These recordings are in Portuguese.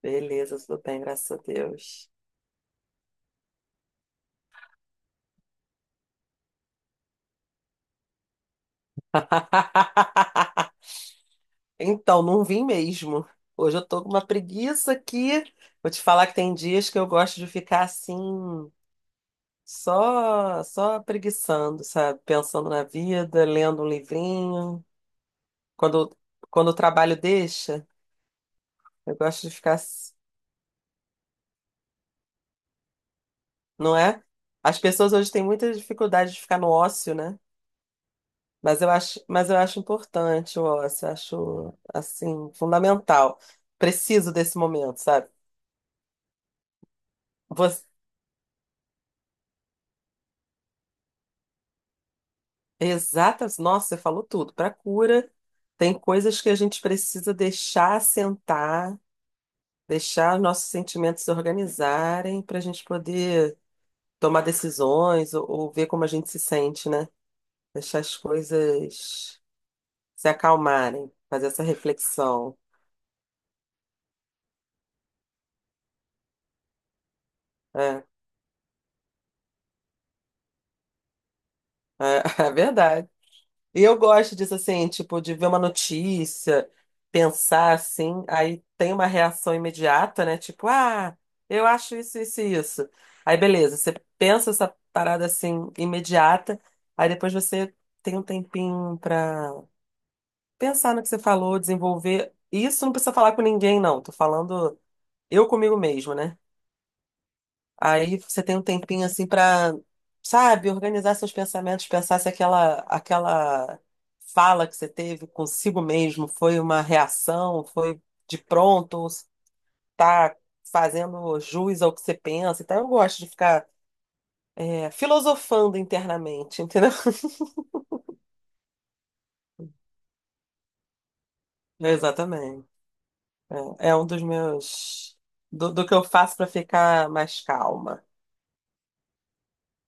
Beleza, tudo bem, graças a Deus. Então, não vim mesmo. Hoje eu tô com uma preguiça aqui. Vou te falar que tem dias que eu gosto de ficar assim, só preguiçando, sabe? Pensando na vida, lendo um livrinho. Quando, quando o trabalho deixa, eu gosto de ficar, não é? As pessoas hoje têm muita dificuldade de ficar no ócio, né? Mas eu acho importante, assim, fundamental. Preciso desse momento, sabe? Você, exatas, nossa, você falou tudo. Para cura, tem coisas que a gente precisa deixar assentar, deixar os nossos sentimentos se organizarem para a gente poder tomar decisões ou ver como a gente se sente, né? Deixar as coisas se acalmarem, fazer essa reflexão. É, é verdade. E eu gosto disso assim, tipo, de ver uma notícia, pensar assim, aí tem uma reação imediata, né? Tipo, ah, eu acho isso, isso e isso. Aí beleza, você pensa essa parada assim, imediata, aí depois você tem um tempinho pra pensar no que você falou, desenvolver. Isso não precisa falar com ninguém, não. Tô falando eu comigo mesmo, né? Aí você tem um tempinho assim pra, sabe, organizar seus pensamentos, pensar se aquela fala que você teve consigo mesmo foi uma reação, foi de pronto, ou se tá fazendo jus ao que você pensa. Então eu gosto de ficar filosofando internamente, entendeu? Exatamente. É, é um dos meus do que eu faço pra ficar mais calma.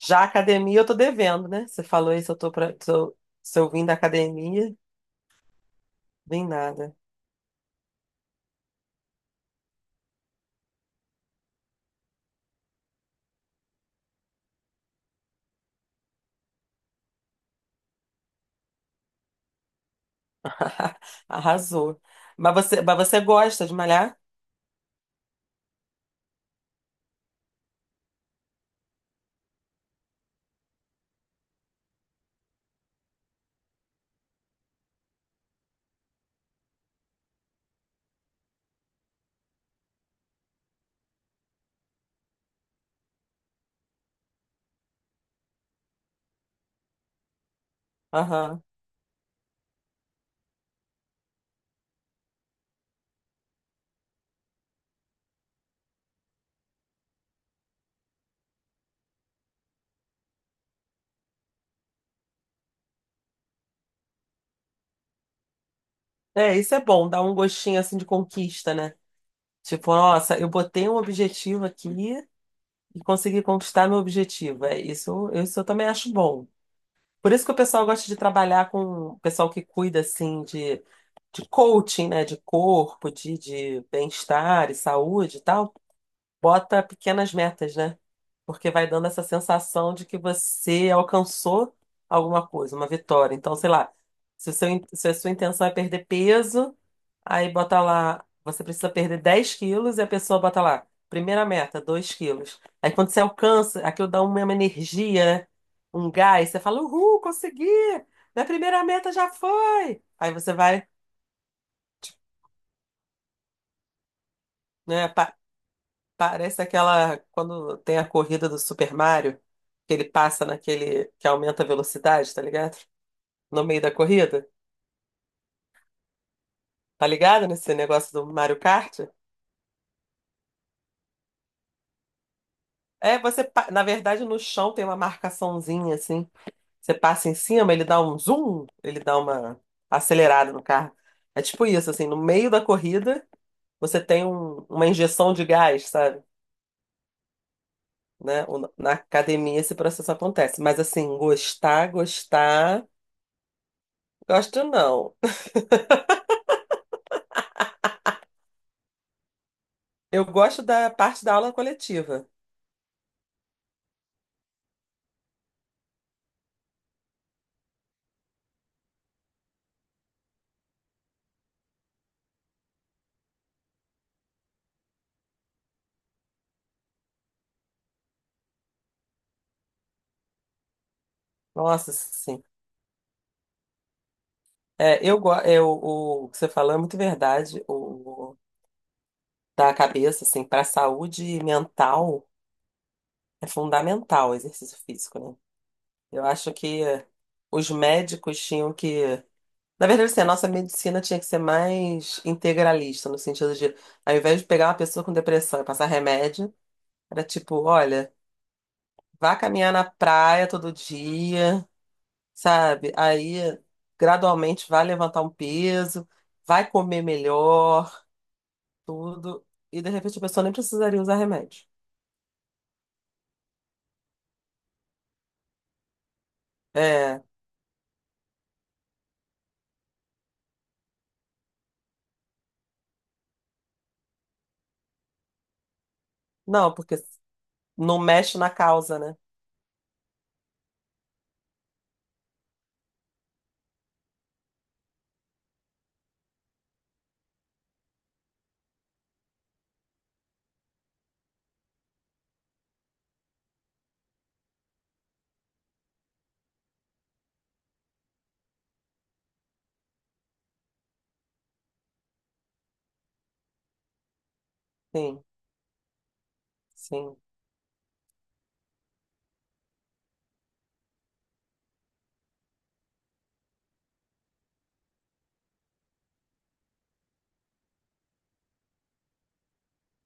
Já a academia eu tô devendo, né? Você falou isso, eu tô pra, tô- se eu vim da academia, vim nada. Arrasou. Mas você gosta de malhar? Aham. É, isso é bom, dá um gostinho assim de conquista, né? Tipo, nossa, eu botei um objetivo aqui e consegui conquistar meu objetivo. Isso eu também acho bom. Por isso que o pessoal gosta de trabalhar com o pessoal que cuida assim de coaching, né? De corpo, de bem-estar e saúde e tal. Bota pequenas metas, né? Porque vai dando essa sensação de que você alcançou alguma coisa, uma vitória. Então, sei lá, se o seu, in- se a sua intenção é perder peso, aí bota lá, você precisa perder 10 quilos e a pessoa bota lá, primeira meta, 2 quilos. Aí quando você alcança, aquilo dá uma energia, né? Um gás, você fala, uhul, consegui! Minha primeira meta já foi! Aí você vai, né? Parece aquela, quando tem a corrida do Super Mario, que ele passa naquele que aumenta a velocidade, tá ligado? No meio da corrida. Tá ligado nesse negócio do Mario Kart? É, na verdade, no chão tem uma marcaçãozinha assim. Você passa em cima, ele dá um zoom, ele dá uma acelerada no carro. É tipo isso, assim, no meio da corrida, você tem uma injeção de gás, sabe? Né? O- Na academia esse processo acontece. Mas assim, gostar, gosto não. Eu gosto da parte da aula coletiva. Nossa, sim. É, o que você falou é muito verdade. O da cabeça, assim, para a saúde mental é fundamental o exercício físico, né? Eu acho que os médicos tinham que. Na verdade, assim, a nossa medicina tinha que ser mais integralista, no sentido de, ao invés de pegar uma pessoa com depressão e passar remédio, era tipo, olha, vá caminhar na praia todo dia. Sabe? Aí gradualmente vai levantar um peso, vai comer melhor, tudo, e de repente a pessoa nem precisaria usar remédio. É, não, porque não mexe na causa, né? Sim, sim.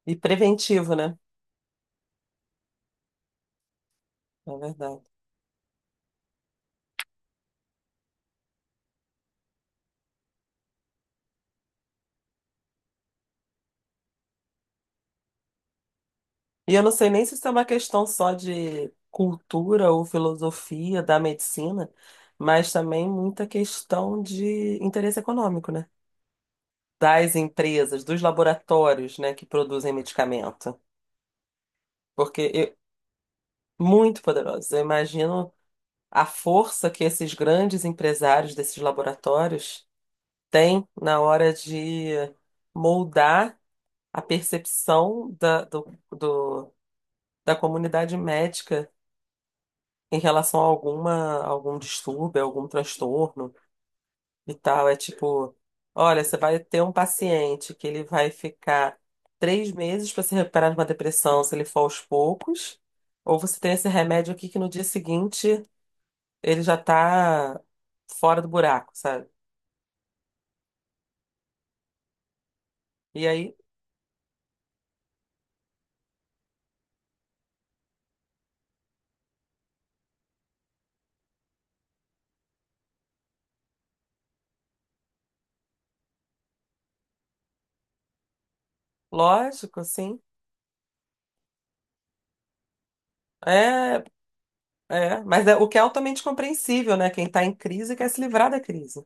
E preventivo, né? É verdade. E eu não sei nem se isso é uma questão só de cultura ou filosofia da medicina, mas também muita questão de interesse econômico, né? Das empresas, dos laboratórios, né, que produzem medicamento. Porque eu, muito poderosos. Eu imagino a força que esses grandes empresários desses laboratórios têm na hora de moldar a percepção do- da comunidade médica em relação a algum distúrbio, algum transtorno e tal. É tipo, olha, você vai ter um paciente que ele vai ficar 3 meses para se recuperar de uma depressão se ele for aos poucos. Ou você tem esse remédio aqui que no dia seguinte ele já tá fora do buraco, sabe? E aí, lógico, sim. É, mas é, o que é altamente compreensível, né? Quem tá em crise quer se livrar da crise.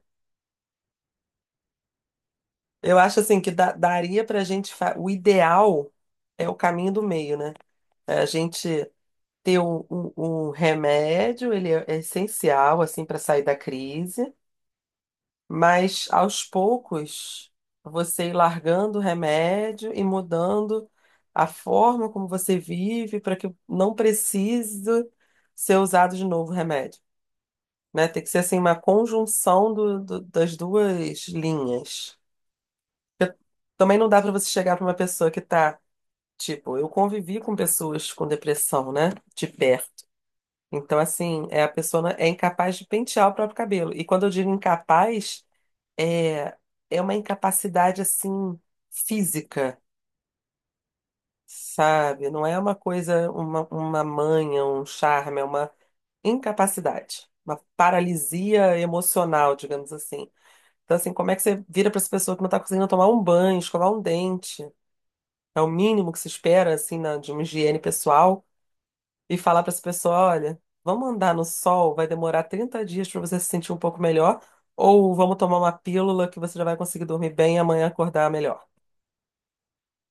Eu acho assim que daria pra gente, o ideal é o caminho do meio, né? É a gente ter um remédio, ele é essencial assim para sair da crise, mas aos poucos, você ir largando o remédio e mudando a forma como você vive para que não precise ser usado de novo o remédio, né? Tem que ser assim uma conjunção das duas linhas. Porque também não dá para você chegar para uma pessoa que tá, tipo, eu convivi com pessoas com depressão, né? De perto. Então, assim, é, a pessoa é incapaz de pentear o próprio cabelo. E quando eu digo incapaz é, é uma incapacidade assim física, sabe? Não é uma coisa, uma manha, um charme, é uma incapacidade, uma paralisia emocional, digamos assim. Então, assim, como é que você vira para essa pessoa que não está conseguindo tomar um banho, escovar um dente? É o mínimo que se espera, assim, de uma higiene pessoal, e falar para essa pessoa: olha, vamos andar no sol, vai demorar 30 dias para você se sentir um pouco melhor, ou vamos tomar uma pílula que você já vai conseguir dormir bem e amanhã acordar melhor.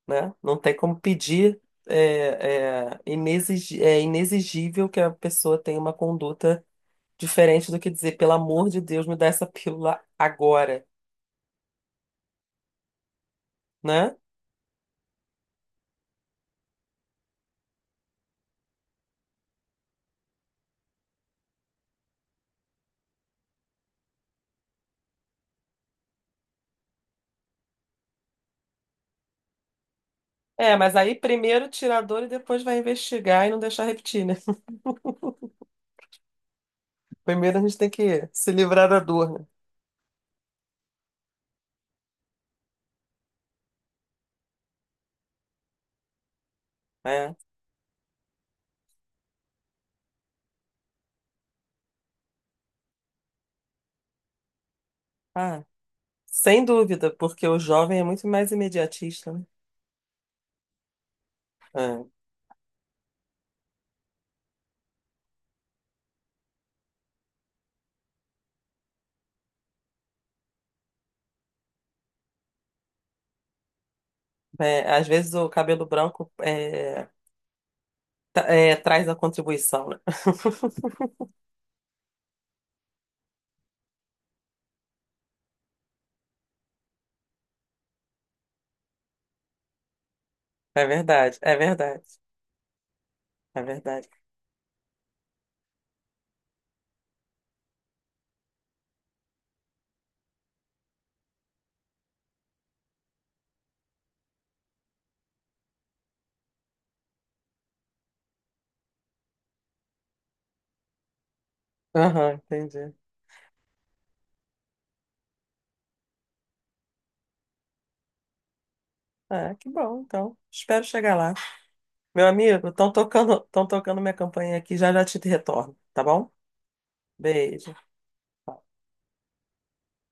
Né? Não tem como pedir, é inexigível que a pessoa tenha uma conduta diferente do que dizer, pelo amor de Deus, me dá essa pílula agora, né? É, mas aí primeiro tira a dor e depois vai investigar e não deixar repetir, né? Primeiro a gente tem que se livrar da dor, né? É. Ah, sem dúvida, porque o jovem é muito mais imediatista, né? É. É, às vezes o cabelo branco é, traz a contribuição, né? É verdade, é verdade. É verdade. Aham, entendi. Ah, que bom, então. Espero chegar lá. Meu amigo, estão tocando minha campainha aqui, já já te retorno, tá bom? Beijo.